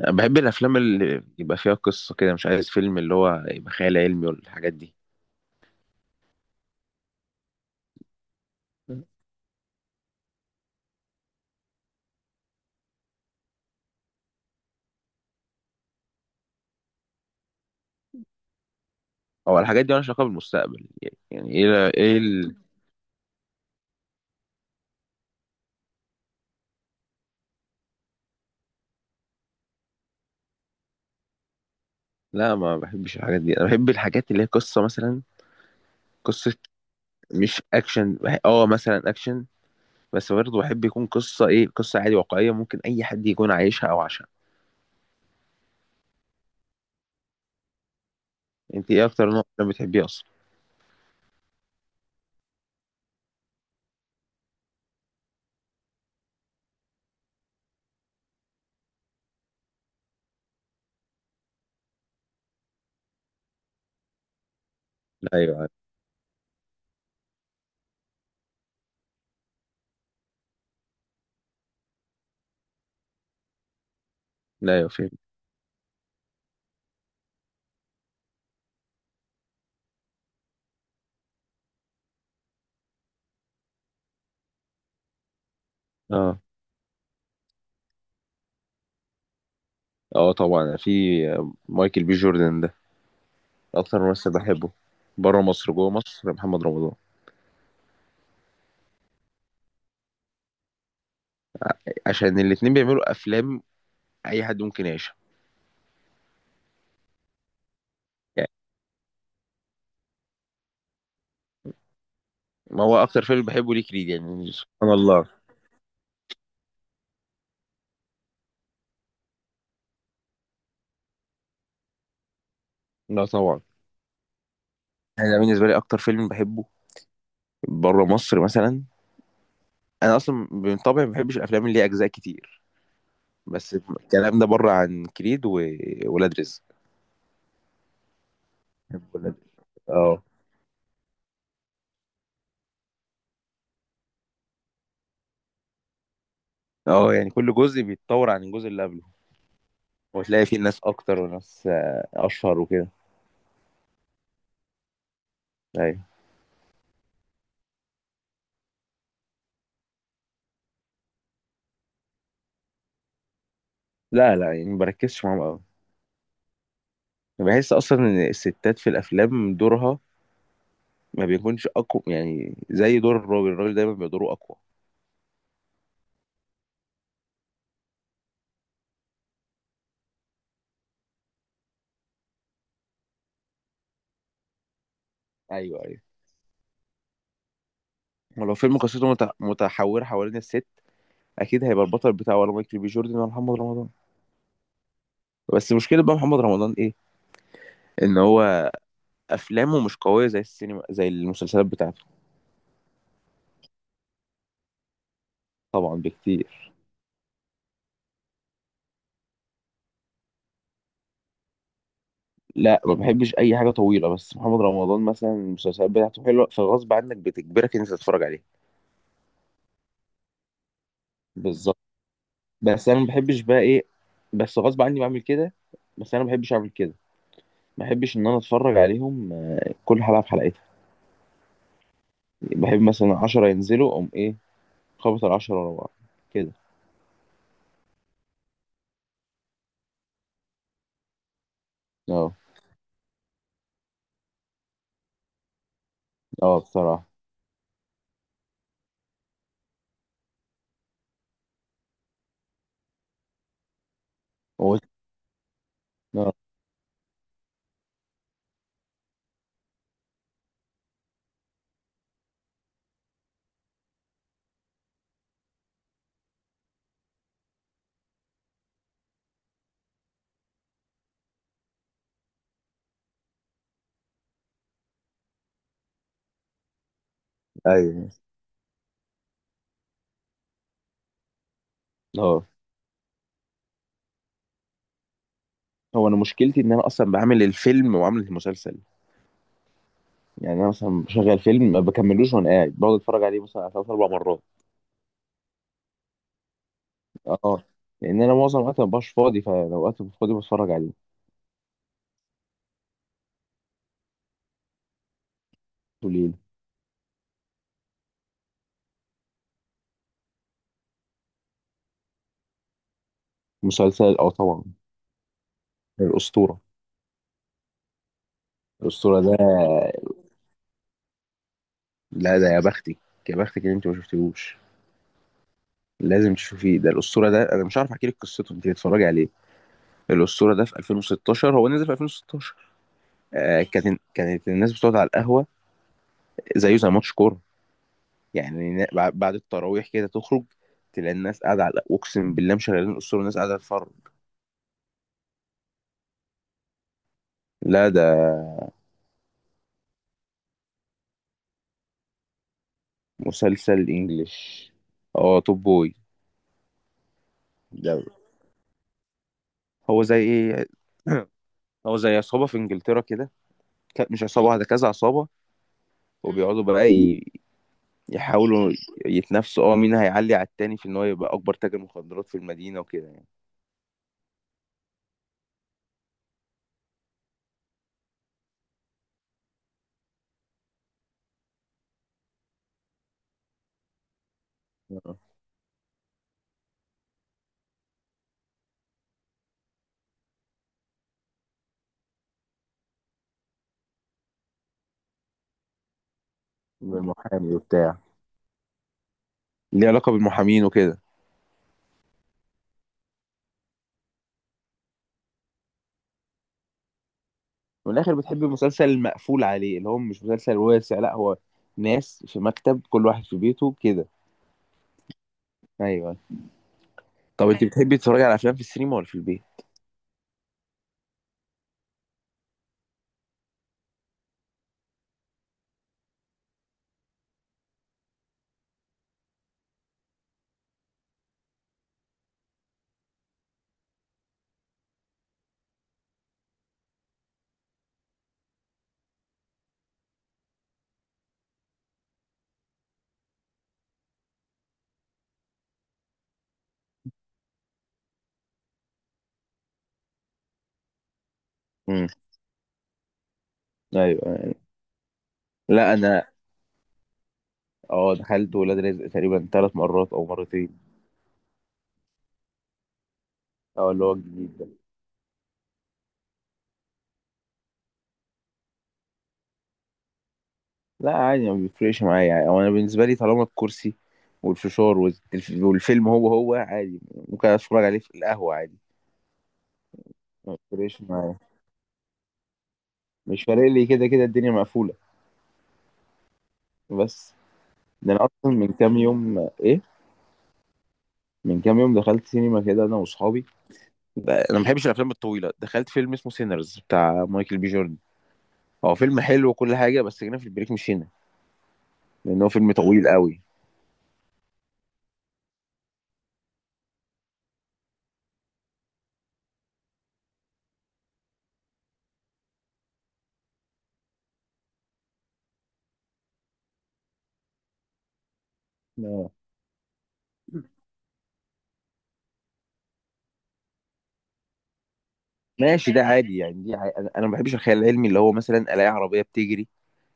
أنا بحب الافلام اللي يبقى فيها قصه كده، مش عايز فيلم اللي هو يبقى خيال علمي ولا الحاجات دي. او الحاجات دي مالهاش علاقه بالمستقبل. يعني لا ما بحبش الحاجات دي، انا بحب الحاجات اللي هي قصه مثلا. قصه. مش اكشن، مثلا اكشن. بس برضه بحب يكون قصه ايه، قصه عادي واقعيه ممكن اي حد يكون عايشها او عاشها. انت ايه اكتر نوع فيلم بتحبيه اصلا؟ ايوه. لا، ايوه فيلم. اه، اه، طبعا في. مايكل بي جوردن ده اكتر ممثل بحبه. بره مصر، جوه مصر محمد رمضان. عشان الاتنين بيعملوا افلام اي حد ممكن يعيشها. يعني ما هو اكتر فيلم بحبه ليه؟ كريد. يعني سبحان الله. لا طبعا. انا بالنسبه لي اكتر فيلم بحبه بره مصر مثلا. انا اصلا من طبعي ما بحبش الافلام اللي ليها اجزاء كتير، بس الكلام ده بره عن كريد وولاد رزق. بحب ولاد رزق. اه. اه يعني كل جزء بيتطور عن الجزء اللي قبله، وتلاقي فيه ناس اكتر وناس اشهر وكده. ايوه. لا، لا، يعني ما بركزش معاهم قوي. بحس اصلا ان الستات في الافلام دورها ما بيكونش اقوى، يعني زي دور الراجل. الراجل دايما بيبقى دوره اقوى. ايوه، ايوه. ولو فيلم قصته متحوره حوالين الست، اكيد هيبقى البطل بتاعه ولا مايكل بي جوردن ولا محمد رمضان. بس مشكله بقى محمد رمضان ايه؟ ان هو افلامه مش قويه زي السينما، زي المسلسلات بتاعته. طبعا بكتير. لا ما بحبش اي حاجه طويله، بس محمد رمضان مثلا المسلسلات بتاعته حلوه فغصب عنك بتجبرك ان انت تتفرج عليها. بالظبط. بس انا ما بحبش بقى ايه. بس غصب عني بعمل كده. بس انا ما بحبش اعمل كده. ما بحبش ان انا اتفرج عليهم كل حلقه في حلقتها. بحب مثلا 10 ينزلوا اقوم ايه، خبط ال10 ورا بعض كده. اه، اه، بصراحه. هو. اه. ايوه. اه. هو انا مشكلتي ان انا اصلا بعمل الفيلم وعامل المسلسل. يعني انا مثلا بشغل فيلم ما بكملوش وانا قاعد بقعد اتفرج عليه مثلا على ثلاث اربع مرات. اه. لان انا معظم الوقت ما ببقاش فاضي، فلو وقت مش فاضي بتفرج عليه. قليل. مسلسل، اه طبعا. الاسطوره. الاسطوره ده. لا ده يا بختك، يا بختك ان انت ما شفتيهوش. لازم تشوفيه. ده الاسطوره ده، انا مش عارف احكي لك قصته، انت تتفرجي عليه. الاسطوره ده في 2016، هو نزل في 2016. كانت الناس بتقعد على القهوه، زيه زي ماتش كوره. يعني بعد التراويح كده تخرج، تلاقي الناس قاعده على القهوة. اقسم بالله مشغلين الاسطوره الناس قاعده تتفرج. لا ده. مسلسل انجليش، اه. توب بوي ده. هو زي ايه هو زي عصابه في انجلترا كده. مش عصابه واحده، كذا عصابه وبيقعدوا بقى يحاولوا يتنافسوا، مين هيعلي على التاني في ان هو يبقى اكبر تاجر مخدرات في المدينه وكده يعني. آه. المحامي وبتاع. ليه علاقه بالمحامين وكده. ومن الاخر بتحب المسلسل المقفول عليه اللي هو مش مسلسل واسع، لا هو ناس في مكتب كل واحد في بيته كده. ايوه. طب انت بتحبي تتفرجي على افلام في السينما ولا في البيت؟ امم. ايوه، أيوة. لا انا، اه دخلت ولاد رزق تقريبا ثلاث مرات او مرتين. اه اللي هو الجديد ده. لا عادي، ما بيفرقش معايا، يعني أو انا بالنسبه لي طالما الكرسي والفشار والفيلم هو عادي. ممكن اتفرج عليه في القهوه عادي. ما بيفرقش معايا. مش فارق لي كده كده، الدنيا مقفوله. بس. ده انا اصلا من كام يوم ايه، من كام يوم دخلت سينما كده انا واصحابي. انا ما بحبش الافلام الطويله، دخلت فيلم اسمه سينرز بتاع مايكل بي جوردن. هو فيلم حلو وكل حاجه، بس جينا في البريك مشينا، لان هو فيلم طويل قوي. آه. ماشي، ده عادي يعني، دي عادي. انا ما بحبش الخيال العلمي، اللي هو مثلا الاقي عربيه بتجري،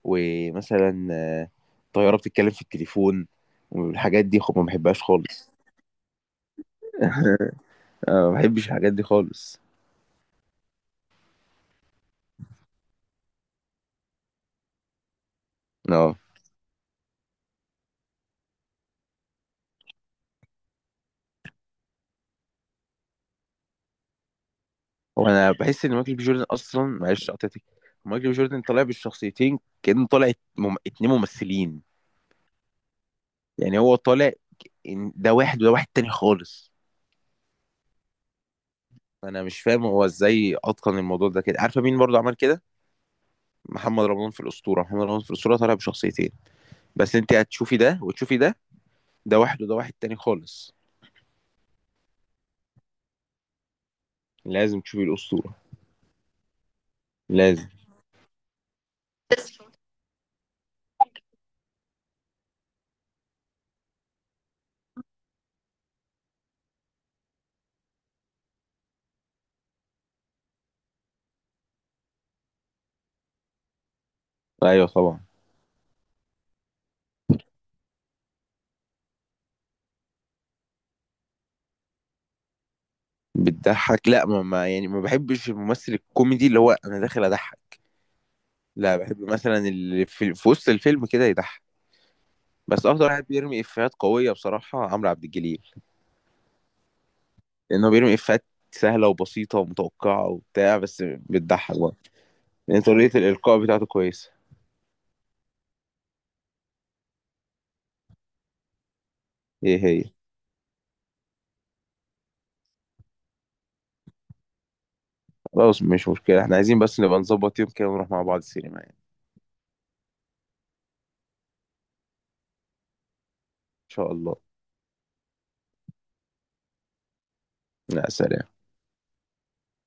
ومثلا طيارة بتتكلم في التليفون، والحاجات دي خب ما بحبهاش خالص. ما بحبش الحاجات دي خالص. اه، وانا بحس ان مايكل بي جوردن اصلا، معلش قطعتك، مايكل بي جوردن طالع بالشخصيتين كأنه طالع اتنين ممثلين. يعني هو طالع إن ده واحد وده واحد تاني خالص. انا مش فاهم هو ازاي اتقن الموضوع ده كده؟ عارفه مين برضه عمل كده؟ محمد رمضان في الاسطوره. محمد رمضان في الاسطوره طالع بشخصيتين، بس انت هتشوفي ده وتشوفي ده، ده واحد وده واحد تاني خالص. لازم تشوفي الاسطوره. لازم. تسلم. ايوه طبعا. بتضحك. لا، يعني ما بحبش الممثل الكوميدي اللي هو انا داخل اضحك، لا بحب مثلا اللي في وسط الفيلم كده يضحك. بس افضل واحد بيرمي افيهات قويه بصراحه عمرو عبد الجليل، لانه بيرمي افيهات سهله وبسيطه ومتوقعه وبتاع، بس بتضحك برضه، لان طريقه الالقاء بتاعته كويسه. ايه هي؟ خلاص مش مشكله، احنا عايزين بس نبقى نظبط يوم كده ونروح مع بعض السينما يعني. ان شاء الله. لا، سلام.